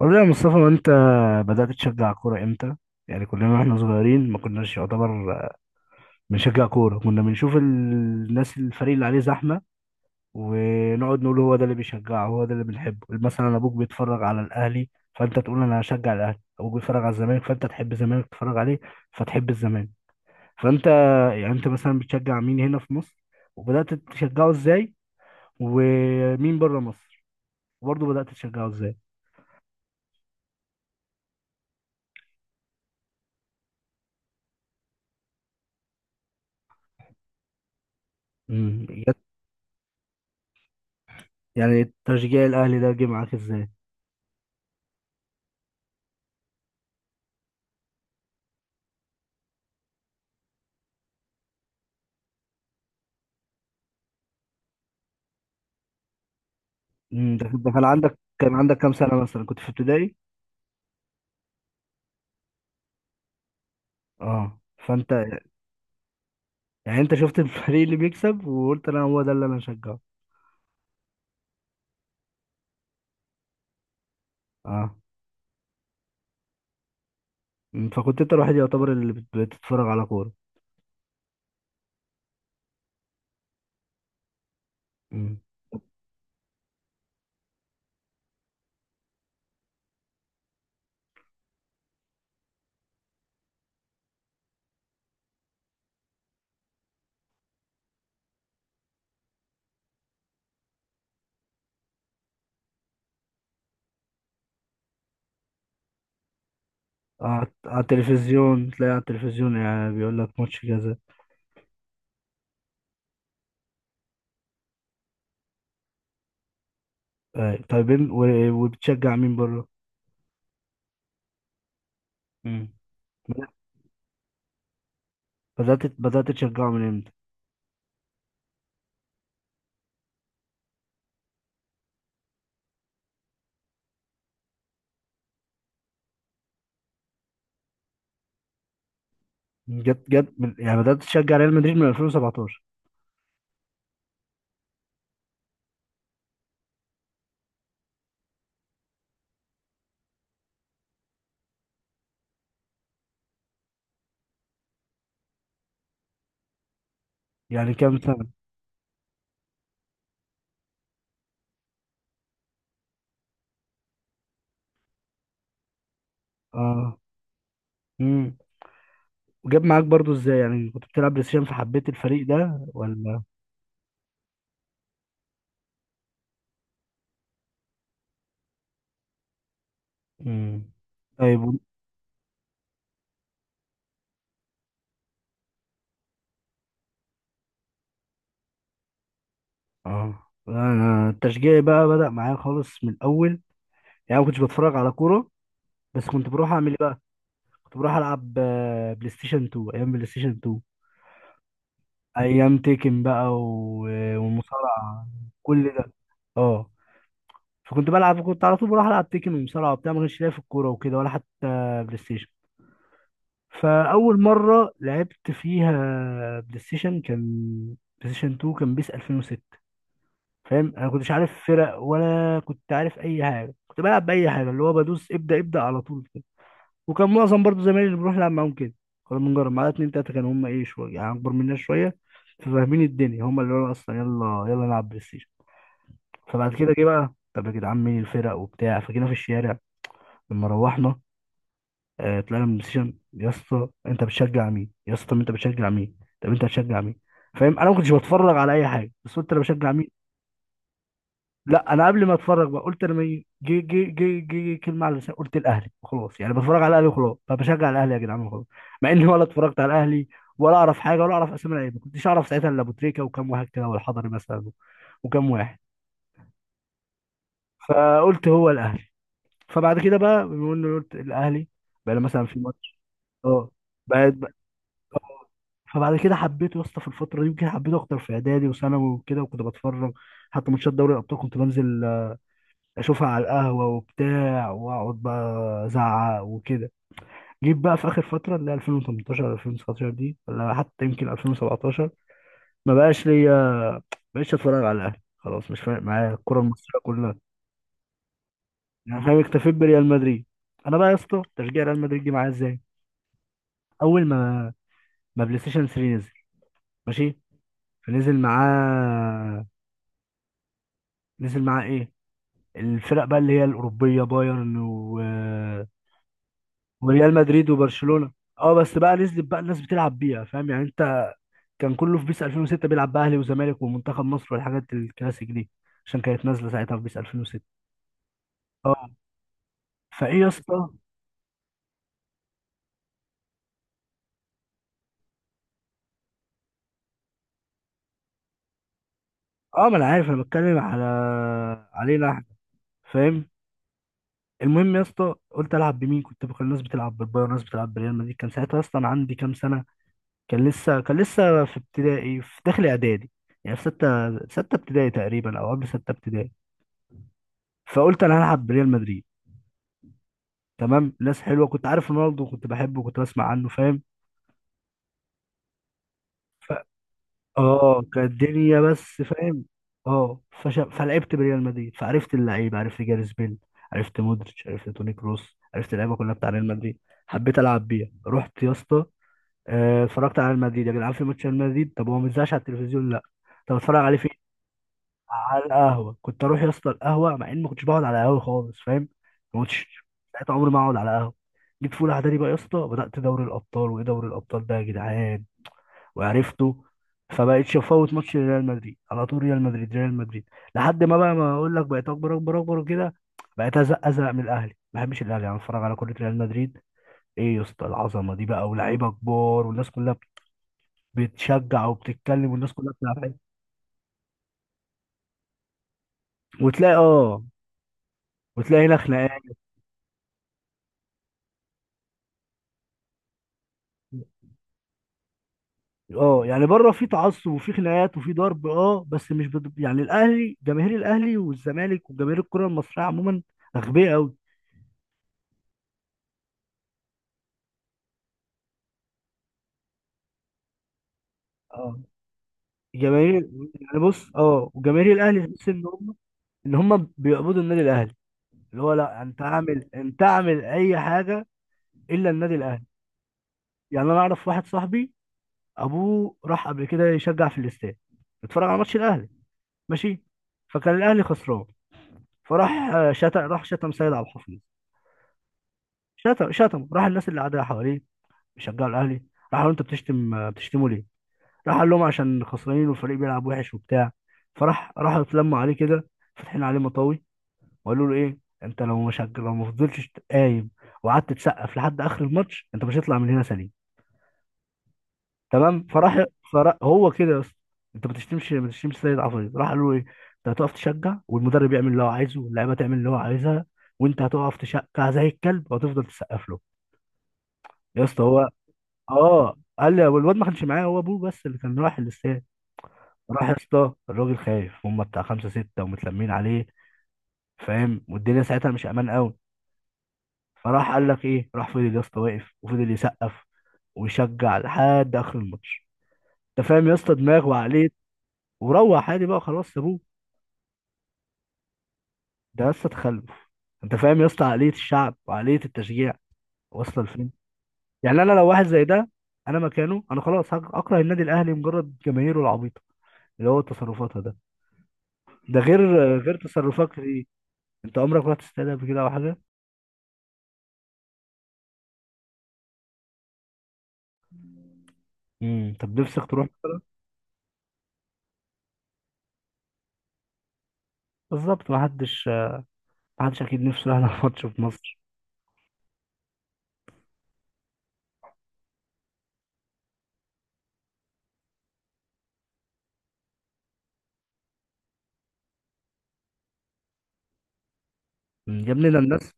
والله يا مصطفى، ما انت بدأت تشجع كورة امتى؟ يعني كلنا واحنا صغيرين ما كناش يعتبر بنشجع كورة، كنا بنشوف الناس الفريق اللي عليه زحمة ونقعد نقول هو ده اللي بيشجعه، هو ده اللي بنحبه. مثلا ابوك بيتفرج على الاهلي، فانت تقول انا هشجع الاهلي. ابوك بيتفرج على الزمالك، فانت تحب الزمالك تتفرج عليه فتحب الزمالك. فانت يعني انت مثلا بتشجع مين هنا في مصر وبدأت تشجعه ازاي؟ ومين بره مصر وبرضه بدأت تشجعه ازاي؟ امم. يعني تشجيع الاهلي ده جه معاك ازاي؟ ده كان عندك كام سنة؟ مثلا كنت في ابتدائي؟ اه، يعني انت شفت الفريق اللي بيكسب وقلت هو ده اللي انا هشجعه. اه، فكنت انت الوحيد يعتبر اللي بتتفرج على كورة. أمم. على التلفزيون، تلاقي على التلفزيون يعني بيقول لك ماتش كذا. آه. طيب وبتشجع مين بره؟ أمم. بدأت تشجعه من امتى؟ جت من يعني بدأت تشجع ريال مدريد من 2017. يعني كام سنة؟ اه. وجاب معاك برضو ازاي؟ يعني كنت بتلعب بلاي ستيشن فحبيت الفريق ده ولا؟ امم طيب، اه، انا التشجيع بقى بدأ معايا خالص من الاول. يعني ما كنتش بتفرج على كوره. بس كنت بروح اعمل ايه بقى؟ كنت بروح العب بلاي ستيشن 2، ايام بلاي ستيشن 2، ايام تيكن بقى ومصارعه. كل ده، اه. فكنت بلعب كنت على طول بروح العب تيكن ومصارعه وبتاع. ما كانش ليا في الكوره وكده، ولا حتى بلاي ستيشن. فاول مره لعبت فيها بلاي ستيشن كان بلاي ستيشن 2، كان بيس 2006. فاهم، انا كنتش عارف فرق ولا كنت عارف اي حاجه. كنت بلعب باي حاجه، اللي هو بدوس ابدا ابدا على طول كده. وكان معظم برضو زمايلي اللي بروح العب معاهم كده. كنا بنجرب معايا اتنين تلاته كانوا هم، ايه، شويه يعني اكبر مننا شويه، ففاهمين الدنيا. هم اللي هو اصلا يلا يلا نلعب بلاي ستيشن. فبعد كده جه بقى، طب يا جدعان مين الفرق وبتاع. فجينا في الشارع لما روحنا، طلعنا من السيشن. يا اسطى انت بتشجع مين؟ يا اسطى، طب انت بتشجع مين؟ طب انت بتشجع مين؟ فاهم انا ما كنتش بتفرج على اي حاجه، بس قلت انا بشجع مين؟ لا، انا قبل ما اتفرج بقى، قلت لما جه كلمه على لساني، قلت الاهلي وخلاص. يعني بتفرج على الاهلي وخلاص، فبشجع الاهلي يا جدعان وخلاص. مع اني ولا اتفرجت على الاهلي ولا اعرف حاجه ولا اعرف اسامي لعيبه. ما كنتش اعرف ساعتها الا ابو تريكه وكام واحد كده، والحضري مثلا، وكام واحد. فقلت هو الاهلي. فبعد كده بقى، بما اني قلت الاهلي، بقى لي مثلا في ماتش. اه بقى. فبعد كده حبيته يا اسطى. في الفتره دي يمكن حبيته اكتر، في اعدادي وثانوي وكده. وكنت بتفرج حتى ماتشات دوري الابطال، كنت بنزل اشوفها على القهوه وبتاع، واقعد بقى ازعق وكده. جيت بقى في اخر فتره، اللي هي 2018، 2019 دي، ولا حتى يمكن 2017، ما بقاش ليا، ما بقتش اتفرج على الاهلي خلاص. مش فارق معايا الكره المصريه كلها. يعني فاهم، اكتفيت بريال مدريد. انا بقى يا اسطى تشجيع ريال مدريد جه معايا ازاي؟ اول ما بلاي ستيشن 3 نزل، ماشي. فنزل معاه. نزل معاه ايه؟ الفرق بقى اللي هي الأوروبية، بايرن وريال مدريد وبرشلونة. اه، بس بقى نزلت بقى الناس بتلعب بيها، فاهم يعني انت؟ كان كله في بيس 2006 بيلعب بقى اهلي وزمالك ومنتخب مصر والحاجات الكلاسيك دي، عشان كانت نازلة ساعتها في بيس 2006. اه، فايه يا اسطى؟ اه، ما انا عارف انا بتكلم علينا احنا، فاهم. المهم يا اسطى قلت العب بمين؟ كنت بقى الناس بتلعب بالبايرن، الناس بتلعب بريال مدريد. كان ساعتها اصلا عندي كام سنة؟ كان لسه في ابتدائي، في داخل اعدادي. يعني في ستة ابتدائي تقريبا، او قبل ستة ابتدائي. فقلت انا هلعب بريال مدريد. تمام، ناس حلوه، كنت عارف رونالدو كنت بحبه كنت بسمع عنه، فاهم. ف... اه كانت الدنيا، بس فاهم، اه، فلعبت بريال مدريد. فعرفت اللعيبه، عرفت جاريث بيل، عرفت مودريتش، عرفت توني كروس، عرفت اللعيبه كلها بتاع ريال مدريد. حبيت العب بيها. رحت يا اسطى اتفرجت على ريال مدريد يا جدعان. في ماتش ريال مدريد، طب هو ما بيتذاعش على التلفزيون؟ لا. طب اتفرج عليه فين؟ على القهوه. كنت اروح يا اسطى القهوه، مع اني ما كنتش بقعد على قهوه خالص، فاهم. ما كنتش ساعتها عمري ما اقعد على قهوه. جيت في اولى اعدادي بقى يا اسطى، بدات دوري الابطال. وايه دوري الابطال ده يا جدعان؟ وعرفته. فبقيتش افوت ماتش ريال مدريد على طول. ريال مدريد، ريال مدريد. لحد ما بقى، ما اقول لك، بقيت اكبر اكبر اكبر وكده. بقيت ازق ازق من الاهلي، ما بحبش الاهلي. انا اتفرج على كره ريال مدريد. ايه يا اسطى العظمه دي بقى، ولاعيبه كبار، والناس كلها بتشجع وبتتكلم، والناس كلها بتلعب وتلاقي اه وتلاقي هنا خناقات. اه، يعني بره في تعصب وفي خناقات وفي ضرب، اه. بس مش يعني الاهلي، جماهير الاهلي والزمالك وجماهير الكره المصريه عموما اغبياء قوي. اه. جماهير يعني بص، اه، وجماهير الاهلي تحس ان هم بيقبضوا النادي الاهلي، اللي هو لا، انت اعمل اي حاجه الا النادي الاهلي. يعني انا اعرف واحد صاحبي، ابوه راح قبل كده يشجع في الاستاد، اتفرج على ماتش الاهلي، ماشي. فكان الاهلي خسران، فراح شتم، راح شتم سيد عبد الحفيظ. شتم راح الناس اللي قاعده حواليه بيشجعوا الاهلي. راح قال له، انت بتشتمه ليه؟ راح قال لهم عشان خسرانين والفريق بيلعب وحش وبتاع. راحوا اتلموا عليه كده، فاتحين عليه مطاوي، وقالوا له ايه. انت لو مش هج- لو ما فضلتش قايم وقعدت تسقف لحد اخر الماتش، انت مش هتطلع من هنا سليم. تمام. فراح هو كده يا اسطى، انت ما بتشتمش سيد عفريت. راح قال له ايه، انت هتقف تشجع والمدرب يعمل اللي هو عايزه واللعيبه تعمل اللي هو عايزها، وانت هتقف تشجع زي الكلب وهتفضل تسقف له يا اسطى. اه قال لي، والواد ما كانش معايا، هو ابوه بس اللي كان رايح الاستاد. راح يا اسطى الراجل خايف، هم بتاع خمسه سته ومتلمين عليه، فاهم، والدنيا ساعتها مش امان قوي. فراح قال لك ايه، راح فضل يا اسطى واقف وفضل يسقف ويشجع لحد اخر الماتش. انت فاهم يا اسطى دماغ وعقليه؟ وروح عادي بقى خلاص، سابوه. ده يا اسطى تخلف. انت فاهم يا اسطى عقليه الشعب وعقليه التشجيع واصله لفين؟ يعني انا لو واحد زي ده، انا مكانه خلاص اكره النادي الاهلي، مجرد جماهيره العبيطه اللي هو تصرفاتها ده. ده غير تصرفات كتير. انت عمرك رحت استاد قبل كده او حاجه؟ طب نفسك تروح؟ بالظبط، محدش اكيد نفسه يروح على ماتش في مصر. مم. يا ابني ده الناس.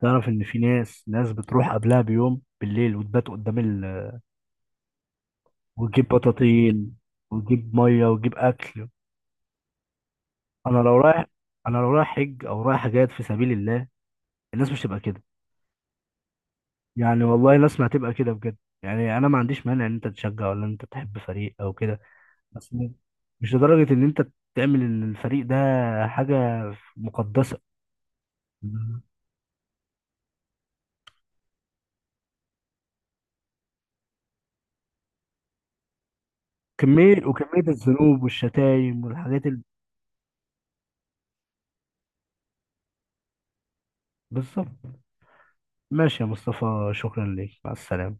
تعرف ان في ناس بتروح قبلها بيوم بالليل، وتبات قدام وتجيب بطاطين وتجيب ميه وتجيب اكل. انا لو رايح انا لو رايح حج او رايح حاجات في سبيل الله، الناس مش هتبقى كده. يعني والله الناس ما هتبقى كده بجد. يعني انا ما عنديش مانع ان انت تشجع ولا ان انت تحب فريق او كده، بس مش لدرجة إن أنت تعمل الفريق ده حاجة مقدسة. مم. كمية وكمية الذنوب والشتايم والحاجات بالظبط. ماشي يا مصطفى، شكرا ليك، مع السلامة.